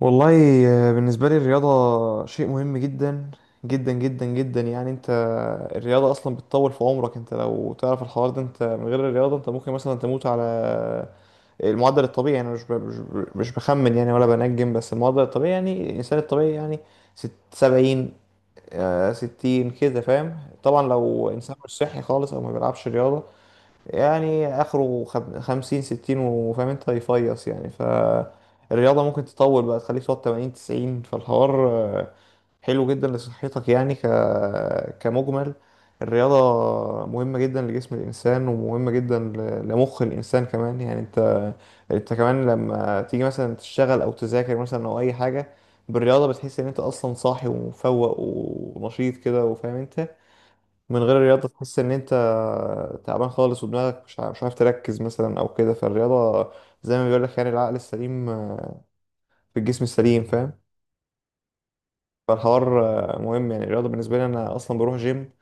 والله. بالنسبة لي الرياضة شيء مهم جدا جدا جدا جدا يعني انت. الرياضة اصلا بتطول في عمرك، انت لو تعرف الحوار ده. انت من غير الرياضة انت ممكن مثلا تموت على المعدل الطبيعي، يعني مش بخمن يعني ولا بنجم، بس المعدل الطبيعي يعني الانسان الطبيعي يعني ست سبعين، ستين كده فاهم. طبعا لو انسان مش صحي خالص او ما بيلعبش رياضة يعني اخره خمسين ستين، وفاهم انت يفيص يعني. فالرياضة ممكن تطول بقى تخليك تقعد تمانين تسعين. فالحوار حلو جدا لصحتك، يعني كمجمل الرياضة مهمة جدا لجسم الإنسان، ومهمة جدا لمخ الإنسان كمان، يعني أنت أنت كمان لما تيجي مثلا تشتغل أو تذاكر مثلا أو أي حاجة بالرياضة بتحس إن أنت أصلا صاحي ومفوق ونشيط كده، وفاهم أنت. من غير الرياضة تحس إن أنت تعبان خالص، ودماغك مش عارف تركز مثلا أو كده. فالرياضة زي ما بيقولك، يعني العقل السليم في الجسم السليم، فاهم. فالحوار مهم يعني. الرياضة بالنسبة لي، أنا أصلا بروح جيم،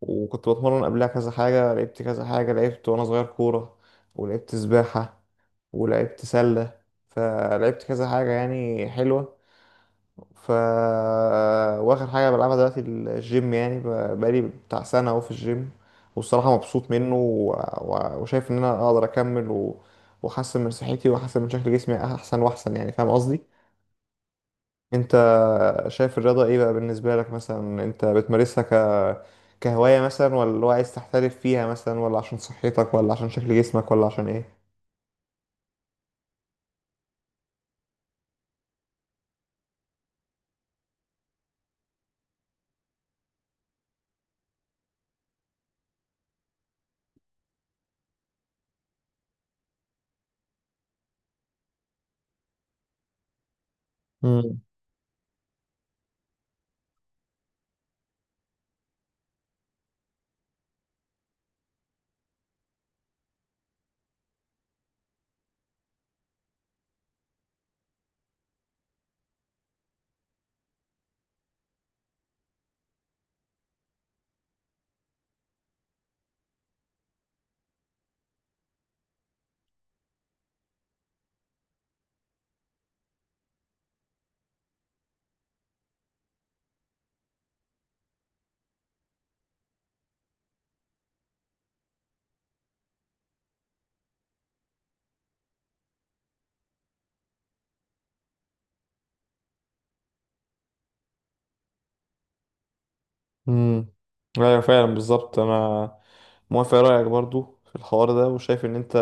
وكنت بتمرن قبلها كذا حاجة. لعبت كذا حاجة، لعبت وأنا صغير كورة، ولعبت سباحة، ولعبت سلة، فلعبت كذا حاجة يعني حلوة. ف واخر حاجه بلعبها دلوقتي الجيم، يعني بقالي بتاع سنه اهو في الجيم. والصراحه مبسوط منه، وشايف ان انا اقدر اكمل، واحسن من صحتي واحسن من شكل جسمي، احسن واحسن يعني فاهم قصدي. انت شايف الرياضه ايه بقى بالنسبه لك؟ مثلا انت بتمارسها كهوايه مثلا، ولا اللي هو عايز تحترف فيها مثلا، ولا عشان صحتك، ولا عشان شكل جسمك، ولا عشان ايه؟ امم امم ايوه فعلا بالظبط. انا موافق رايك برضو في الحوار ده، وشايف ان انت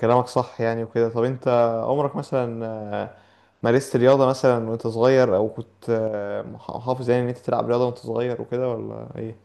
كلامك صح يعني وكده. طب انت عمرك مثلا، آه، مارست رياضة مثلا وانت صغير، او كنت محافظ يعني ان انت تلعب رياضة وانت صغير وكده، ولا ايه؟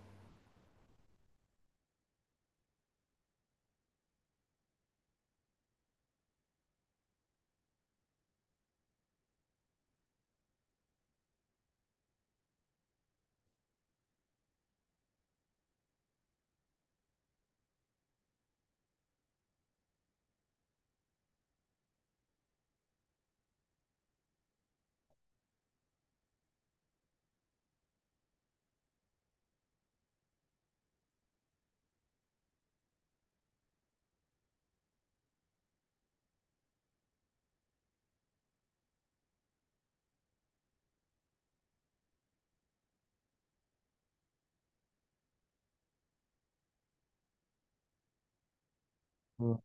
مم.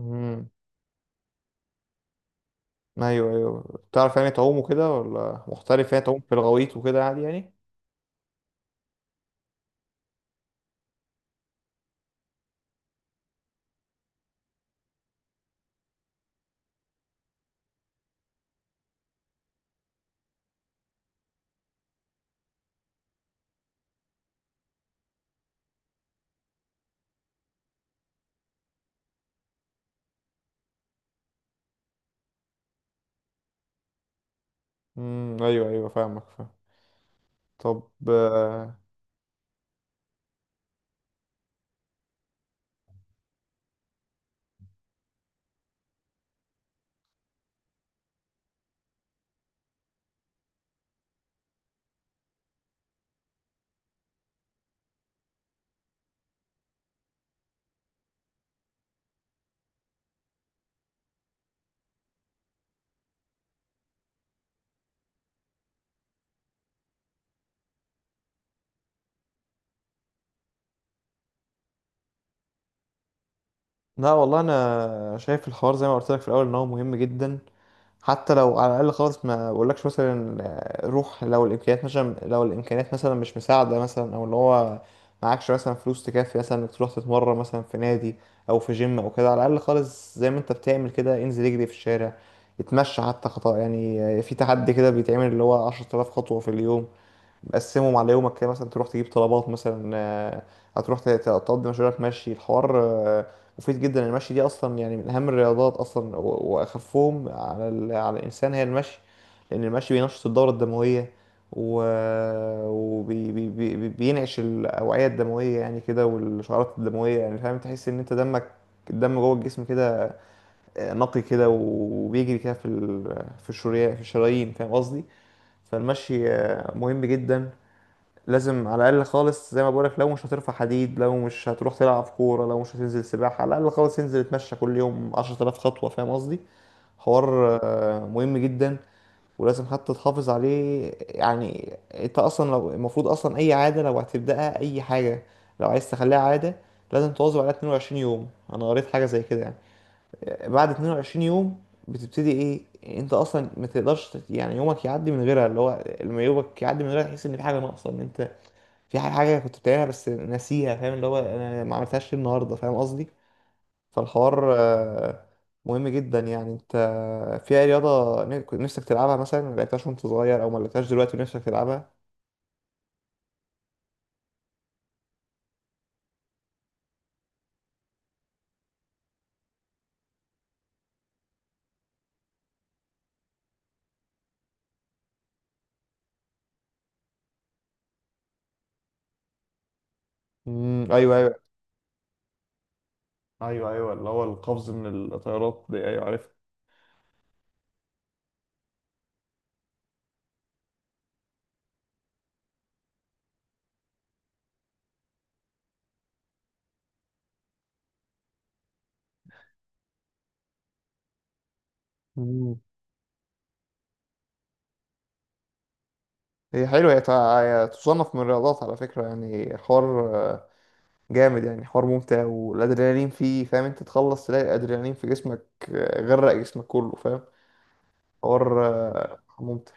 امم ايوه بتعرف يعني تعوم وكده، ولا محترف يعني تعوم في الغويط وكده عادي يعني؟ ايوه فاهمك فاهم. طب لا والله، انا شايف الحوار زي ما قلت لك في الاول، ان هو مهم جدا. حتى لو على الاقل خالص، ما بقولكش مثلا روح. لو الامكانيات مثلا، لو الامكانيات مثلا مش مساعده مثلا، او اللي هو معكش مثلا فلوس تكفي مثلا انك تروح تتمرن مثلا في نادي او في جيم او كده، على الاقل خالص زي ما انت بتعمل كده انزل اجري في الشارع، اتمشى حتى خطأ يعني. في تحدي كده بيتعمل اللي هو 10,000 خطوه في اليوم، مقسمهم على يومك كده. مثلا تروح تجيب طلبات مثلا، هتروح تقضي مشوارك مشي. الحوار مفيد جدا. المشي دي اصلا يعني من اهم الرياضات اصلا، واخفهم على على الانسان هي المشي، لان المشي بينشط الدوره الدمويه، وبينعش الاوعيه الدمويه يعني كده، والشعيرات الدمويه يعني فاهم. تحس ان انت دمك، الدم جوه الجسم كده نقي كده، وبيجري كده في الشريان، في الشرايين فاهم قصدي. فالمشي مهم جدا. لازم على الاقل خالص زي ما بقولك، لو مش هترفع حديد، لو مش هتروح تلعب كوره، لو مش هتنزل سباحه، على الاقل خالص انزل اتمشى كل يوم 10,000 خطوه فاهم قصدي. حوار مهم جدا، ولازم حتى تحافظ عليه يعني. انت اصلا لو المفروض اصلا اي عاده لو هتبداها، اي حاجه لو عايز تخليها عاده، لازم تواظب عليها 22 يوم. انا قريت حاجه زي كده يعني، بعد 22 يوم بتبتدي ايه. انت اصلا ما تقدرش يعني يومك يعدي من غيرها، اللي هو لما يومك يعدي من غيرها تحس ان في حاجه ناقصه، ان انت في حاجة كنت بتعملها بس ناسيها فاهم. اللي هو انا ما عملتهاش ليه النهاردة فاهم قصدي. فالحوار مهم جدا يعني. انت في اي رياضة كنت نفسك تلعبها مثلا ما لعبتهاش وانت صغير، او ما لعبتهاش دلوقتي ونفسك تلعبها؟ ايوه. ايوه اللي هو القفز من الطيارات دي، ايوه عارف. مم. هي حلوة، هي هي تصنف من الرياضات على فكرة، يعني حوار جامد يعني، حوار ممتع والأدرينالين فيه فاهم. انت تخلص تلاقي الأدرينالين في جسمك غرق جسمك كله فاهم. حوار ممتع.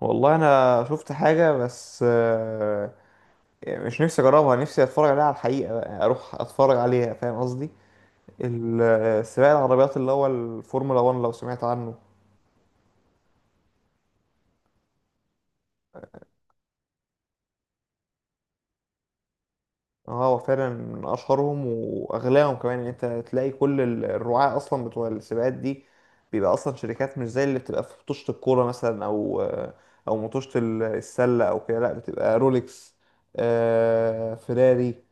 والله انا شفت حاجه، بس مش نفسي اجربها، نفسي اتفرج عليها على الحقيقه بقى، اروح اتفرج عليها فاهم قصدي. سباق العربيات اللي هو الفورمولا 1، لو سمعت عنه. اه هو فعلا من اشهرهم واغلاهم كمان، ان انت تلاقي كل الرعاة اصلا بتوع السباقات دي بيبقى اصلا شركات، مش زي اللي بتبقى في مطوشه الكوره مثلا، او او مطوشه السله او كده. لا بتبقى رولكس، فيراري،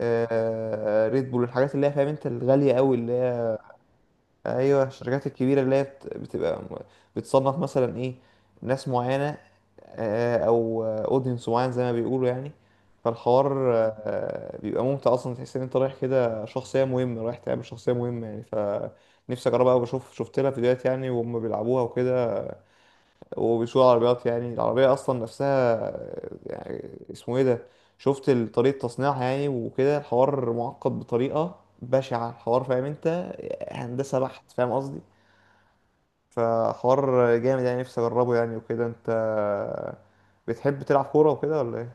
ريد بول، الحاجات اللي هي فاهم انت الغالية قوي اللي هي. ايوه، الشركات الكبيرة اللي هي بتبقى بتصنف مثلا ايه، ناس معينة، او اودينس معين زي ما بيقولوا يعني. فالحوار بيبقى ممتع اصلا، تحس ان انت رايح كده شخصية مهمة، رايح تقابل شخصية مهمة يعني. فنفسي اجربها قوي. بشوف، شفت لها فيديوهات يعني وهم بيلعبوها وكده، وبيسوق العربيات، يعني العربية أصلا نفسها يعني اسمه إيه ده. شفت طريقة تصنيعها يعني وكده، الحوار معقد بطريقة بشعة الحوار فاهم أنت، هندسة بحت فاهم قصدي. فحوار جامد يعني، نفسي أجربه يعني وكده. أنت بتحب تلعب كورة وكده ولا إيه؟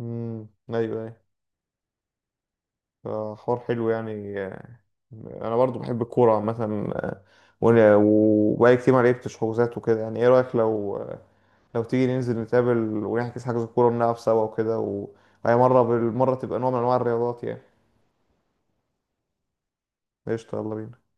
أيوه أيوه، فحوار حلو يعني. أنا برضو بحب الكورة عامة، وبقالي كتير ما لعبتش حجوزات وكده يعني. إيه رأيك لو، لو تيجي ننزل نتقابل ونحجز حجز كورة ونلعب سوا وكده، وهي مرة بالمرة تبقى نوع من أنواع الرياضات يعني. قشطة يلا بينا.